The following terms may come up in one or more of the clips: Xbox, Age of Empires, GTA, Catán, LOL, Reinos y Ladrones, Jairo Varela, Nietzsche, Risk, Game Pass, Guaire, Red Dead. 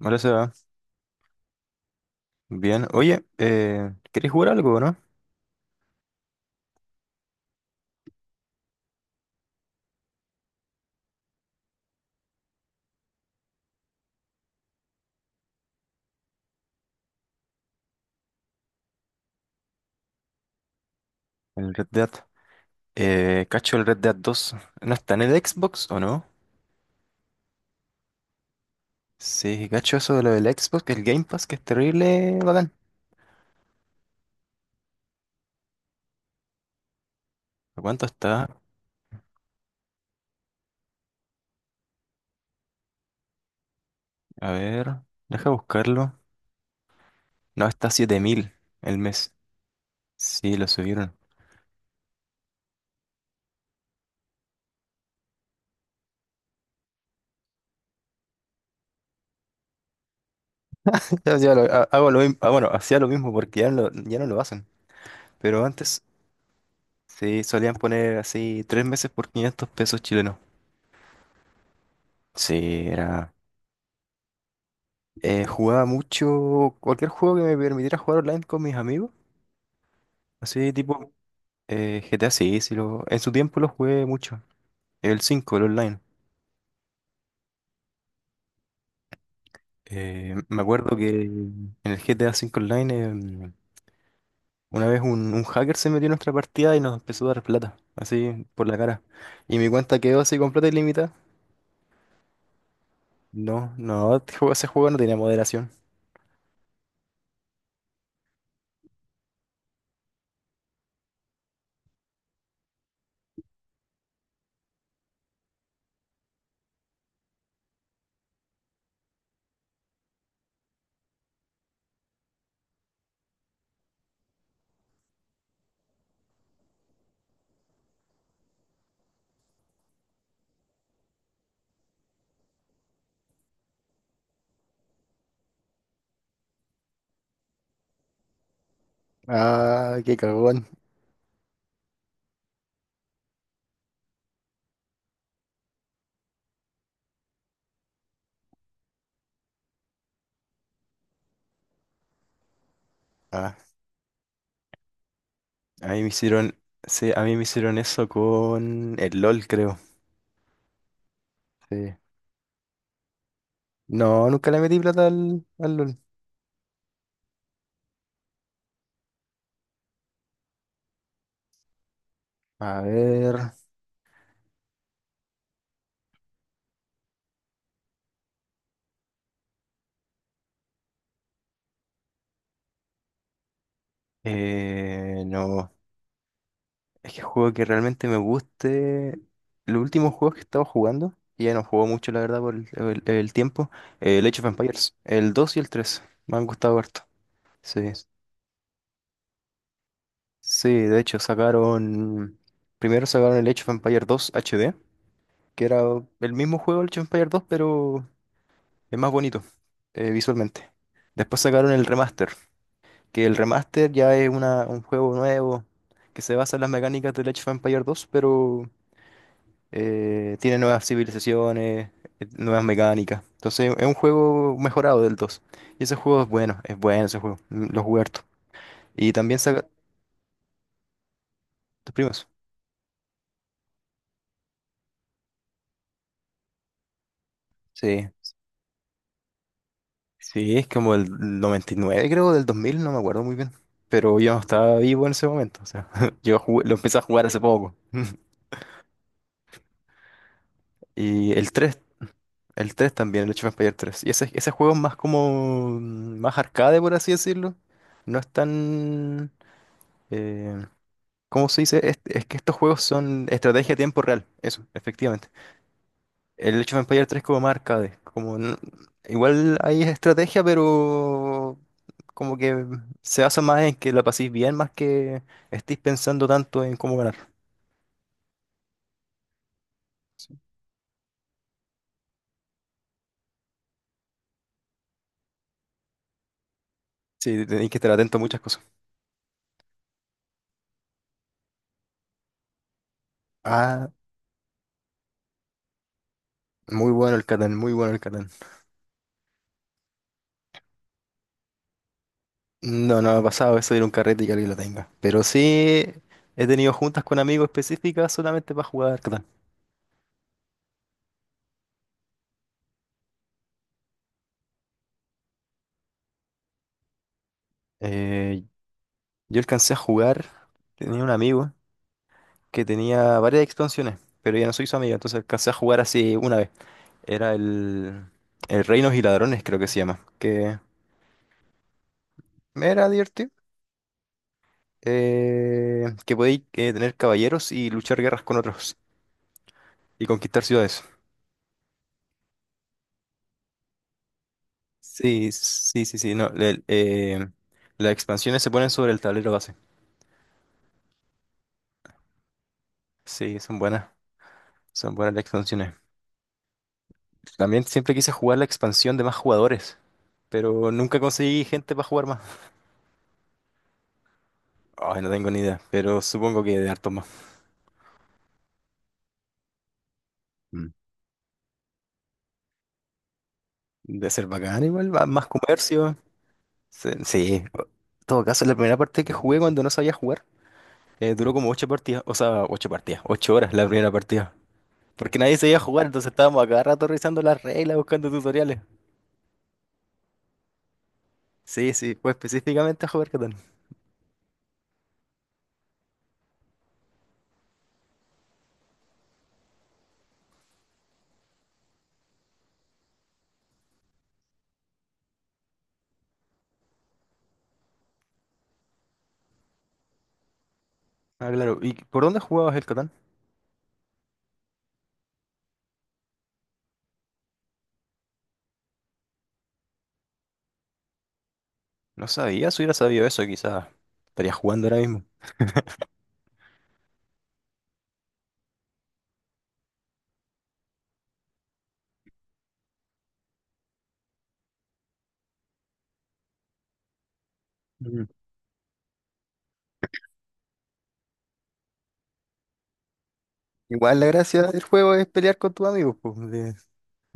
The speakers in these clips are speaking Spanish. Hola, Seba. Bien. Oye, ¿querés jugar algo, o no? El Red Dead. ¿Cacho el Red Dead dos? ¿No está en el Xbox o no? Sí, cacho eso de lo del Xbox, que el Game Pass, que es terrible, bacán. ¿A cuánto está? A ver, deja buscarlo. No, está 7.000 el mes. Sí, lo subieron. Hago lo mismo. Ah, bueno, hacía lo mismo porque ya, no, ya no lo hacen. Pero antes sí solían poner así 3 meses por 500 pesos chilenos. Sí, era. Jugaba mucho cualquier juego que me permitiera jugar online con mis amigos. Así tipo GTA, sí, en su tiempo lo jugué mucho. El 5, el online. Me acuerdo que en el GTA 5 Online. Una vez un hacker se metió en nuestra partida y nos empezó a dar plata, así por la cara. Y mi cuenta quedó así con plata ilimitada. No, no, ese juego no tenía moderación. Ah, qué cagón. Ah, a mí me hicieron, sí, a mí me hicieron eso con el LOL, creo. Sí. No, nunca le metí plata al LOL. A ver, no. Es que juego que realmente me guste. Los últimos juegos que he estado jugando, y ya no juego mucho, la verdad, por el tiempo. El Age of Empires, el 2 y el 3 me han gustado harto. Sí. Sí, de hecho, sacaron. Primero sacaron el Age of Empires 2 HD, que era el mismo juego, el Age of Empires 2, pero es más bonito visualmente. Después sacaron el remaster, que el remaster ya es un juego nuevo que se basa en las mecánicas del Age of Empires 2, pero tiene nuevas civilizaciones, nuevas mecánicas. Entonces es un juego mejorado del 2. Y ese juego es bueno ese juego, lo jugué harto. Y también saca. Tus primos. Sí, sí, es como el 99 creo, del 2000, no me acuerdo muy bien. Pero yo no estaba vivo en ese momento, o sea, lo empecé a jugar hace poco. Y el 3, el 3 también, el Age of Empires 3. Y ese juego es más como, más arcade, por así decirlo. No es tan. eh, ¿Cómo se dice? Es que estos juegos son estrategia a tiempo real, eso, efectivamente. El Age of Empires 3 como más arcade, como igual hay estrategia, pero como que se basa más en que la paséis bien, más que estéis pensando tanto en cómo ganar. Sí, tenéis que estar atento a muchas cosas. Ah, muy bueno el Catán, muy bueno el Catán. No, no me ha pasado eso de ir a un carrete y que alguien lo tenga. Pero sí he tenido juntas con amigos específicas solamente para jugar Catán. Eh, yo alcancé a jugar, tenía un amigo que tenía varias expansiones, pero ya no soy su amiga, entonces alcancé a jugar así una vez. Era el Reinos y Ladrones, creo que se llama, que me era divertido, que podéis tener caballeros y luchar guerras con otros y conquistar ciudades. Sí, sí, sí, sí, no, las expansiones se ponen sobre el tablero base. Sí, son buenas las expansiones. También siempre quise jugar la expansión de más jugadores, pero nunca conseguí gente para jugar más. Ay, no tengo ni idea, pero supongo que de hartos más. Mm. Debe ser bacán igual, más comercio. Sí, sí. En todo caso, la primera parte que jugué cuando no sabía jugar, duró como 8 partidas, o sea, 8 partidas, 8 horas la primera partida. Porque nadie sabía jugar, entonces estábamos a cada rato revisando las reglas, buscando tutoriales. Sí, sí, fue específicamente a jugar Catán. Ah, claro. ¿Y por dónde jugabas el Catán? No sabía, si hubiera sabido eso, quizás estaría jugando ahora mismo. Mm. Igual la gracia del juego es pelear con tus amigos, pues.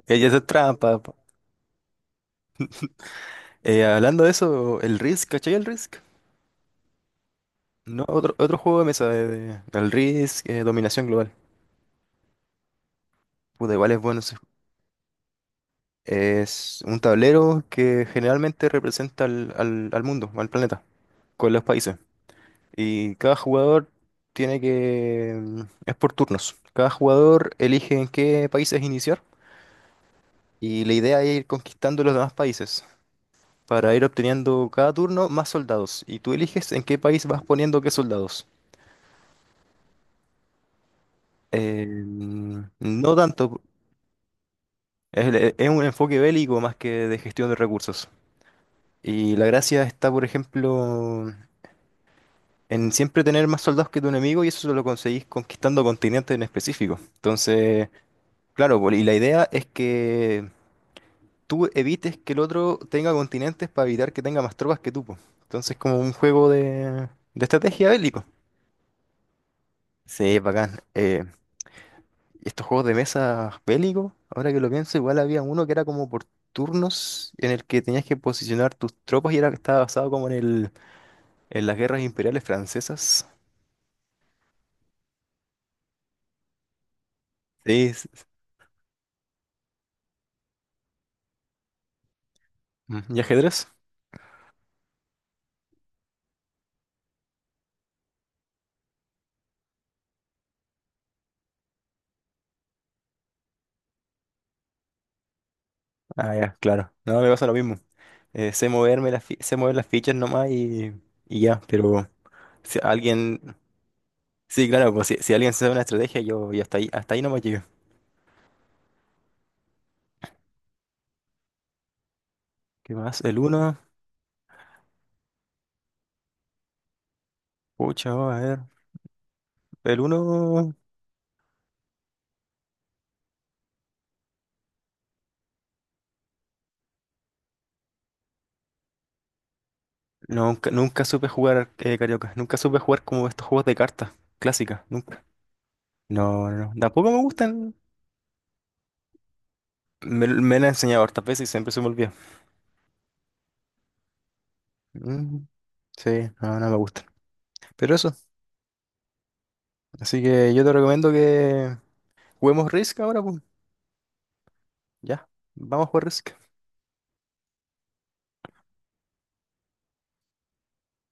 Ella es trampa, po. Hablando de eso, el Risk, ¿cachai el Risk? No, otro, otro juego de mesa, el Risk, Dominación Global. Puta, igual es bueno. Es un tablero que generalmente representa al mundo, al planeta, con los países. Y cada jugador tiene que. Es por turnos. Cada jugador elige en qué países iniciar y la idea es ir conquistando los demás países para ir obteniendo cada turno más soldados. Y tú eliges en qué país vas poniendo qué soldados. No tanto. Es un enfoque bélico más que de gestión de recursos. Y la gracia está, por ejemplo, en siempre tener más soldados que tu enemigo y eso lo conseguís conquistando continentes en específico. Entonces, claro, pues, y la idea es que tú evites que el otro tenga continentes para evitar que tenga más tropas que tú, pues. Entonces, como un juego de estrategia bélico. Sí, bacán. Y estos juegos de mesa bélicos, ahora que lo pienso, igual había uno que era como por turnos en el que tenías que posicionar tus tropas y era estaba basado como en en las guerras imperiales francesas. Sí, ¿y ajedrez? Ah, ya, claro. No, me pasa lo mismo. Sé sé mover las fichas nomás y ya, pero si alguien, sí, claro, pues si alguien sabe una estrategia, yo hasta ahí nomás llego. ¿Qué más? El uno, pucha, vamos a ver. El uno. Nunca, nunca supe jugar carioca, nunca supe jugar como estos juegos de cartas clásicas, nunca. No, no, no, tampoco me gustan. Me la han enseñado hartas veces y siempre se me olvida. Mm, sí, no, no me gustan. Pero eso, así que yo te recomiendo que juguemos Risk ahora, pues. Ya, vamos a jugar Risk.